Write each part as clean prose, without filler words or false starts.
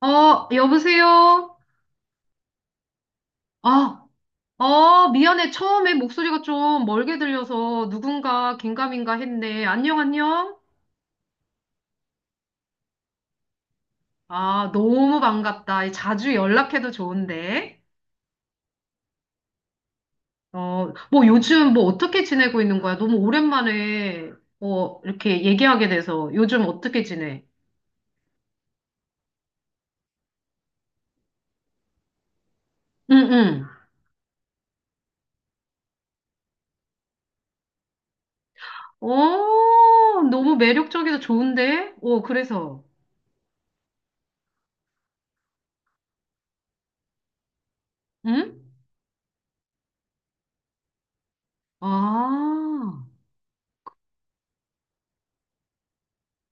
어, 여보세요? 아, 미안해. 처음에 목소리가 좀 멀게 들려서 누군가 긴가민가 했네. 안녕, 안녕? 아, 너무 반갑다. 자주 연락해도 좋은데. 뭐 요즘 뭐 어떻게 지내고 있는 거야? 너무 오랜만에, 이렇게 얘기하게 돼서 요즘 어떻게 지내? 응, 응. 어, 너무 매력적이다. 좋은데? 어, 그래서, 응? 아,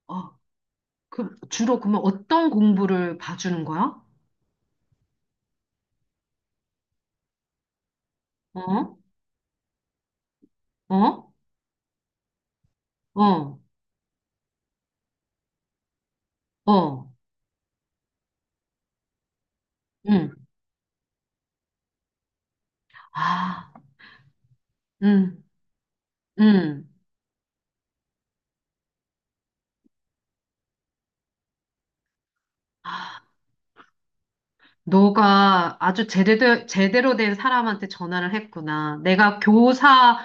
아, 그, 주로 그러면 어떤 공부를 봐주는 거야? 어? 어? 어? 어? 응. 아, 응, 응. 아, 너가 아주 제대로, 제대로 된 사람한테 전화를 했구나. 내가 교사,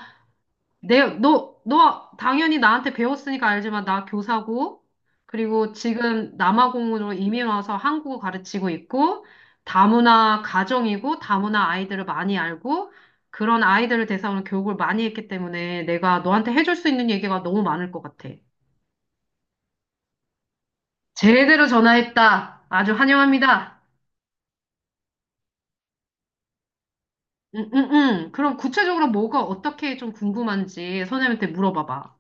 너 당연히 나한테 배웠으니까 알지만 나 교사고, 그리고 지금 남아공으로 이민 와서 한국어 가르치고 있고, 다문화 가정이고, 다문화 아이들을 많이 알고, 그런 아이들을 대상으로 교육을 많이 했기 때문에 내가 너한테 해줄 수 있는 얘기가 너무 많을 것 같아. 제대로 전화했다. 아주 환영합니다. 응, 응, 응. 그럼 구체적으로 뭐가 어떻게 좀 궁금한지 선생님한테 물어봐봐.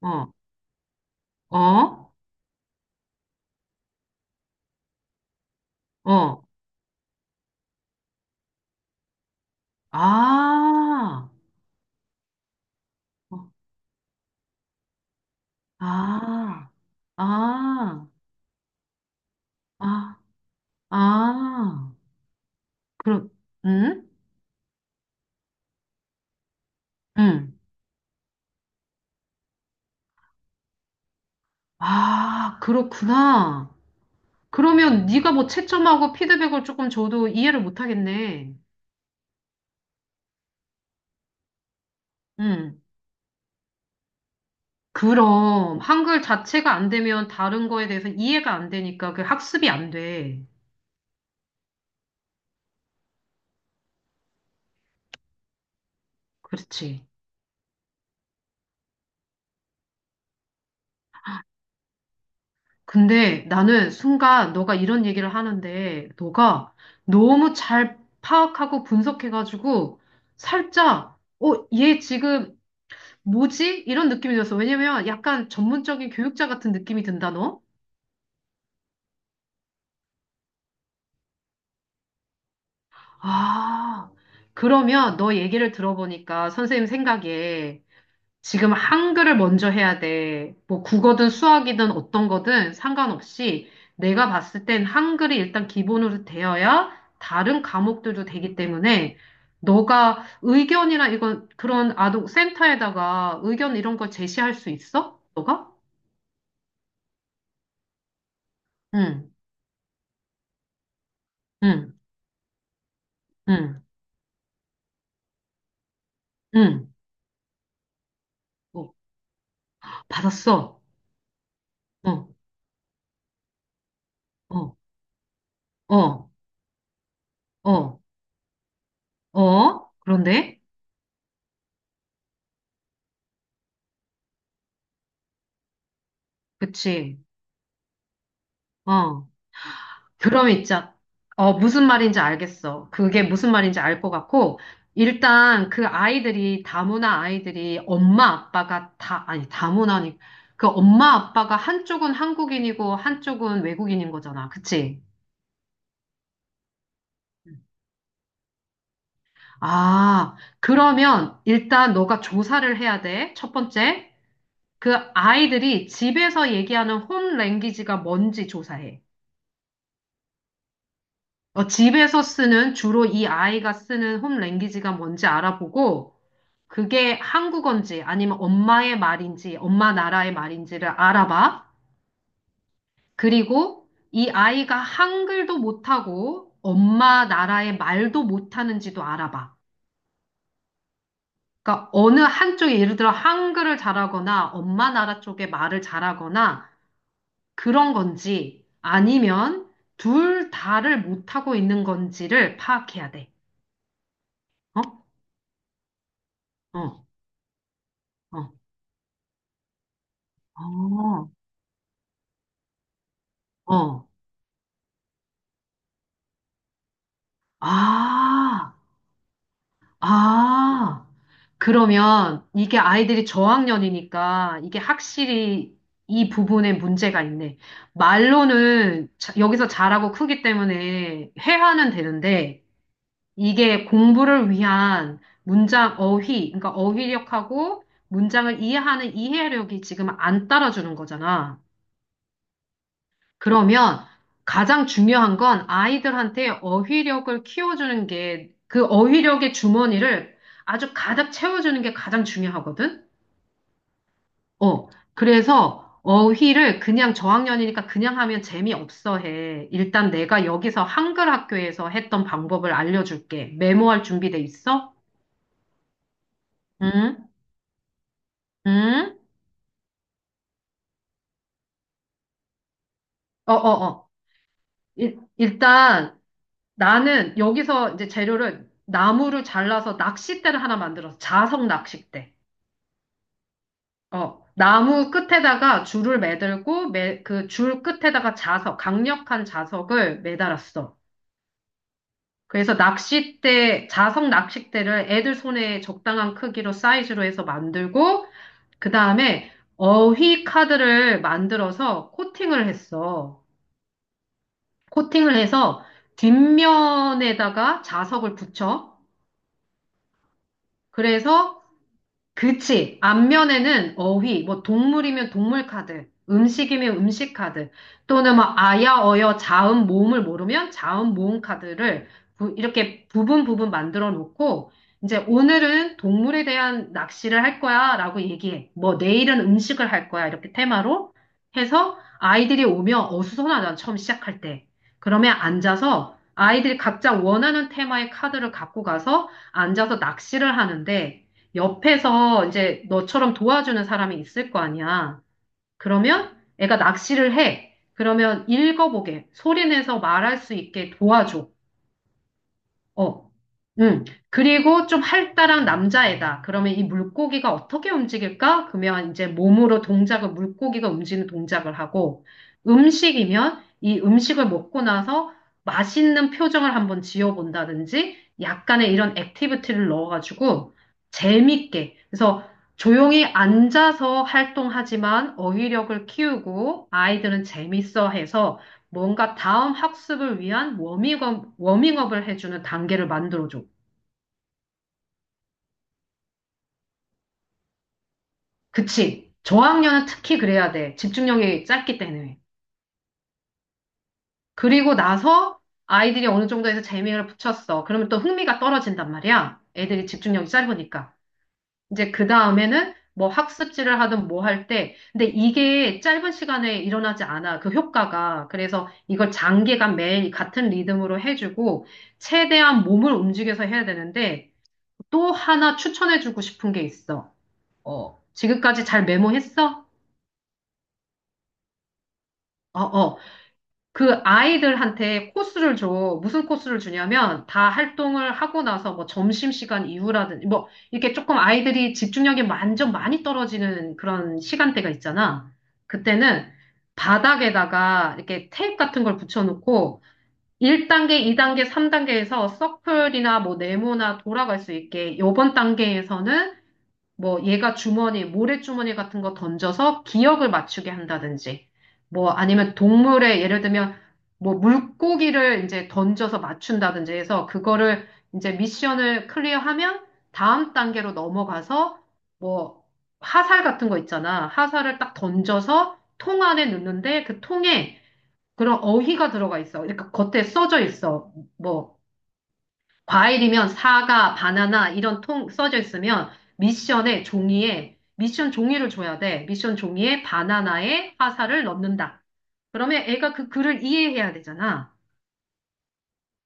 어, 어, 어. 아, 어, 아, 아, 아, 아. 그럼, 응? 응. 아, 그렇구나. 그러면 네가 뭐 채점하고 피드백을 조금 줘도 이해를 못 하겠네. 그럼 한글 자체가 안 되면 다른 거에 대해서 이해가 안 되니까 그 학습이 안 돼. 그렇지. 근데 나는 순간 너가 이런 얘기를 하는데 너가 너무 잘 파악하고 분석해가지고 살짝 어, 얘 지금 뭐지? 이런 느낌이 들었어. 왜냐면 약간 전문적인 교육자 같은 느낌이 든다, 너? 아, 그러면 너 얘기를 들어보니까 선생님 생각에 지금 한글을 먼저 해야 돼. 뭐 국어든 수학이든 어떤 거든 상관없이 내가 봤을 땐 한글이 일단 기본으로 되어야 다른 과목들도 되기 때문에 너가 의견이나 이건 그런 아동 센터에다가 의견 이런 걸 제시할 수 있어? 너가? 응, 응, 응, 응. 어, 받았어. 어, 어, 어, 어, 어. 그런데? 그치. 어. 드럼 있자. 어, 무슨 말인지 알겠어. 그게 무슨 말인지 알 것 같고, 일단 그 아이들이, 다문화 아이들이 엄마 아빠가 다, 아니, 다문화니, 그 엄마 아빠가 한쪽은 한국인이고 한쪽은 외국인인 거잖아. 그치? 아, 그러면 일단 너가 조사를 해야 돼. 첫 번째. 그 아이들이 집에서 얘기하는 홈 랭귀지가 뭔지 조사해. 어, 집에서 쓰는, 주로 이 아이가 쓰는 홈 랭귀지가 뭔지 알아보고, 그게 한국어인지 아니면 엄마의 말인지 엄마 나라의 말인지를 알아봐. 그리고 이 아이가 한글도 못하고 엄마 나라의 말도 못하는지도 알아봐. 그러니까 어느 한쪽이 예를 들어 한글을 잘하거나 엄마 나라 쪽의 말을 잘하거나 그런 건지 아니면 둘 다를 못하고 있는 건지를 파악해야 돼. 어? 어, 어, 어, 어. 아, 아. 그러면 이게 아이들이 저학년이니까 이게 확실히 이 부분에 문제가 있네. 말로는 여기서 잘하고 크기 때문에 회화는 되는데 이게 공부를 위한 문장 어휘, 그러니까 어휘력하고 문장을 이해하는 이해력이 지금 안 따라주는 거잖아. 그러면 가장 중요한 건 아이들한테 어휘력을 키워주는 게 그 어휘력의 주머니를 아주 가득 채워주는 게 가장 중요하거든. 어, 그래서 어휘를 그냥 저학년이니까 그냥 하면 재미없어 해. 일단 내가 여기서 한글 학교에서 했던 방법을 알려줄게. 메모할 준비돼 있어? 응? 응? 어, 어, 어. 일단 나는 여기서 이제 재료를 나무를 잘라서 낚싯대를 하나 만들어서 자석 낚싯대. 어, 나무 끝에다가 줄을 그 줄 끝에다가 자석, 강력한 자석을 매달았어. 그래서 낚싯대, 자석 낚싯대를 애들 손에 적당한 크기로 사이즈로 해서 만들고, 그 다음에 어휘 카드를 만들어서 코팅을 했어. 코팅을 해서 뒷면에다가 자석을 붙여. 그래서 그치. 앞면에는 어휘, 뭐 동물이면 동물 카드, 음식이면 음식 카드, 또는 뭐 아야, 어여, 자음, 모음을 모르면 자음, 모음 카드를 이렇게 부분 부분 만들어 놓고, 이제 오늘은 동물에 대한 낚시를 할 거야 라고 얘기해. 뭐 내일은 음식을 할 거야 이렇게 테마로 해서 아이들이 오면 어수선하잖아. 처음 시작할 때. 그러면 앉아서 아이들이 각자 원하는 테마의 카드를 갖고 가서 앉아서 낚시를 하는데, 옆에서 이제 너처럼 도와주는 사람이 있을 거 아니야. 그러면 애가 낚시를 해. 그러면 읽어보게, 소리 내서 말할 수 있게 도와줘. 어, 그리고 좀 활달한 남자애다. 그러면 이 물고기가 어떻게 움직일까? 그러면 이제 몸으로 동작을, 물고기가 움직이는 동작을 하고, 음식이면 이 음식을 먹고 나서 맛있는 표정을 한번 지어본다든지, 약간의 이런 액티비티를 넣어가지고, 재밌게. 그래서 조용히 앉아서 활동하지만 어휘력을 키우고, 아이들은 재밌어 해서, 뭔가 다음 학습을 위한 워밍업, 워밍업을 해주는 단계를 만들어줘. 그치? 저학년은 특히 그래야 돼. 집중력이 짧기 때문에. 그리고 나서 아이들이 어느 정도에서 재미를 붙였어. 그러면 또 흥미가 떨어진단 말이야. 애들이 집중력이 짧으니까. 이제 그 다음에는 뭐 학습지를 하든 뭐 할 때. 근데 이게 짧은 시간에 일어나지 않아. 그 효과가. 그래서 이걸 장기간 매일 같은 리듬으로 해주고 최대한 몸을 움직여서 해야 되는데 또 하나 추천해주고 싶은 게 있어. 어, 지금까지 잘 메모했어? 어, 어. 그 아이들한테 코스를 줘. 무슨 코스를 주냐면 다 활동을 하고 나서 뭐 점심시간 이후라든지 뭐 이렇게 조금 아이들이 집중력이 완전 많이 떨어지는 그런 시간대가 있잖아. 그때는 바닥에다가 이렇게 테이프 같은 걸 붙여놓고 1단계, 2단계, 3단계에서 서클이나 뭐 네모나 돌아갈 수 있게 요번 단계에서는 뭐 얘가 주머니, 모래주머니 같은 거 던져서 기억을 맞추게 한다든지, 뭐 아니면 동물의 예를 들면 뭐 물고기를 이제 던져서 맞춘다든지 해서 그거를 이제 미션을 클리어하면 다음 단계로 넘어가서 뭐 화살 같은 거 있잖아. 화살을 딱 던져서 통 안에 넣는데 그 통에 그런 어휘가 들어가 있어. 그러니까 겉에 써져 있어. 뭐 과일이면 사과, 바나나 이런 통 써져 있으면 미션에 종이에 미션 종이를 줘야 돼. 미션 종이에 바나나에 화살을 넣는다. 그러면 애가 그 글을 이해해야 되잖아.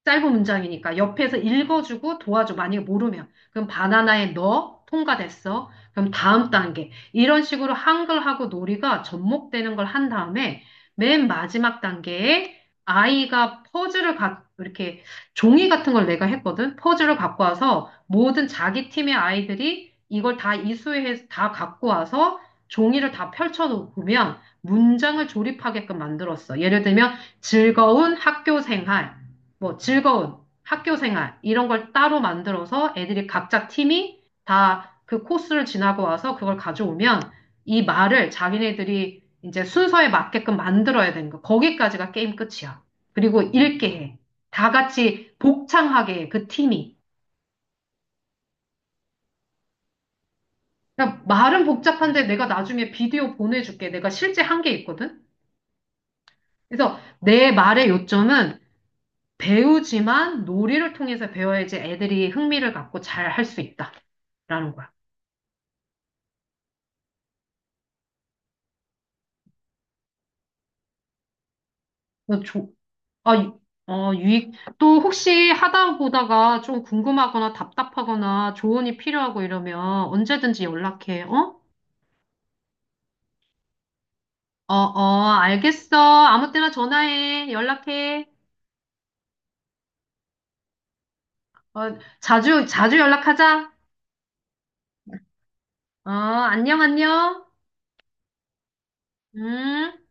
짧은 문장이니까 옆에서 읽어주고 도와줘. 만약에 모르면. 그럼 바나나에 넣어. 통과됐어. 그럼 다음 단계. 이런 식으로 한글하고 놀이가 접목되는 걸 한 다음에 맨 마지막 단계에 아이가 퍼즐을 가, 이렇게 종이 같은 걸 내가 했거든. 퍼즐을 갖고 와서 모든 자기 팀의 아이들이 이걸 다 이수해서 다 갖고 와서 종이를 다 펼쳐놓으면 문장을 조립하게끔 만들었어. 예를 들면 즐거운 학교 생활. 뭐 즐거운 학교 생활 이런 걸 따로 만들어서 애들이 각자 팀이 다 그 코스를 지나고 와서 그걸 가져오면 이 말을 자기네들이 이제 순서에 맞게끔 만들어야 되는 거. 거기까지가 게임 끝이야. 그리고 읽게 해. 다 같이 복창하게 해, 그 팀이. 그러니까 말은 복잡한데 내가 나중에 비디오 보내줄게. 내가 실제 한 게 있거든. 그래서 내 말의 요점은 배우지만 놀이를 통해서 배워야지 애들이 흥미를 갖고 잘 할 수 있다라는 거야. 어, 조, 아, 유- 어, 유익, 또 혹시 하다 보다가 좀 궁금하거나 답답하거나 조언이 필요하고 이러면 언제든지 연락해, 어? 어, 어, 알겠어. 아무 때나 전화해. 연락해. 어, 자주, 자주 연락하자. 어, 안녕, 안녕. 음.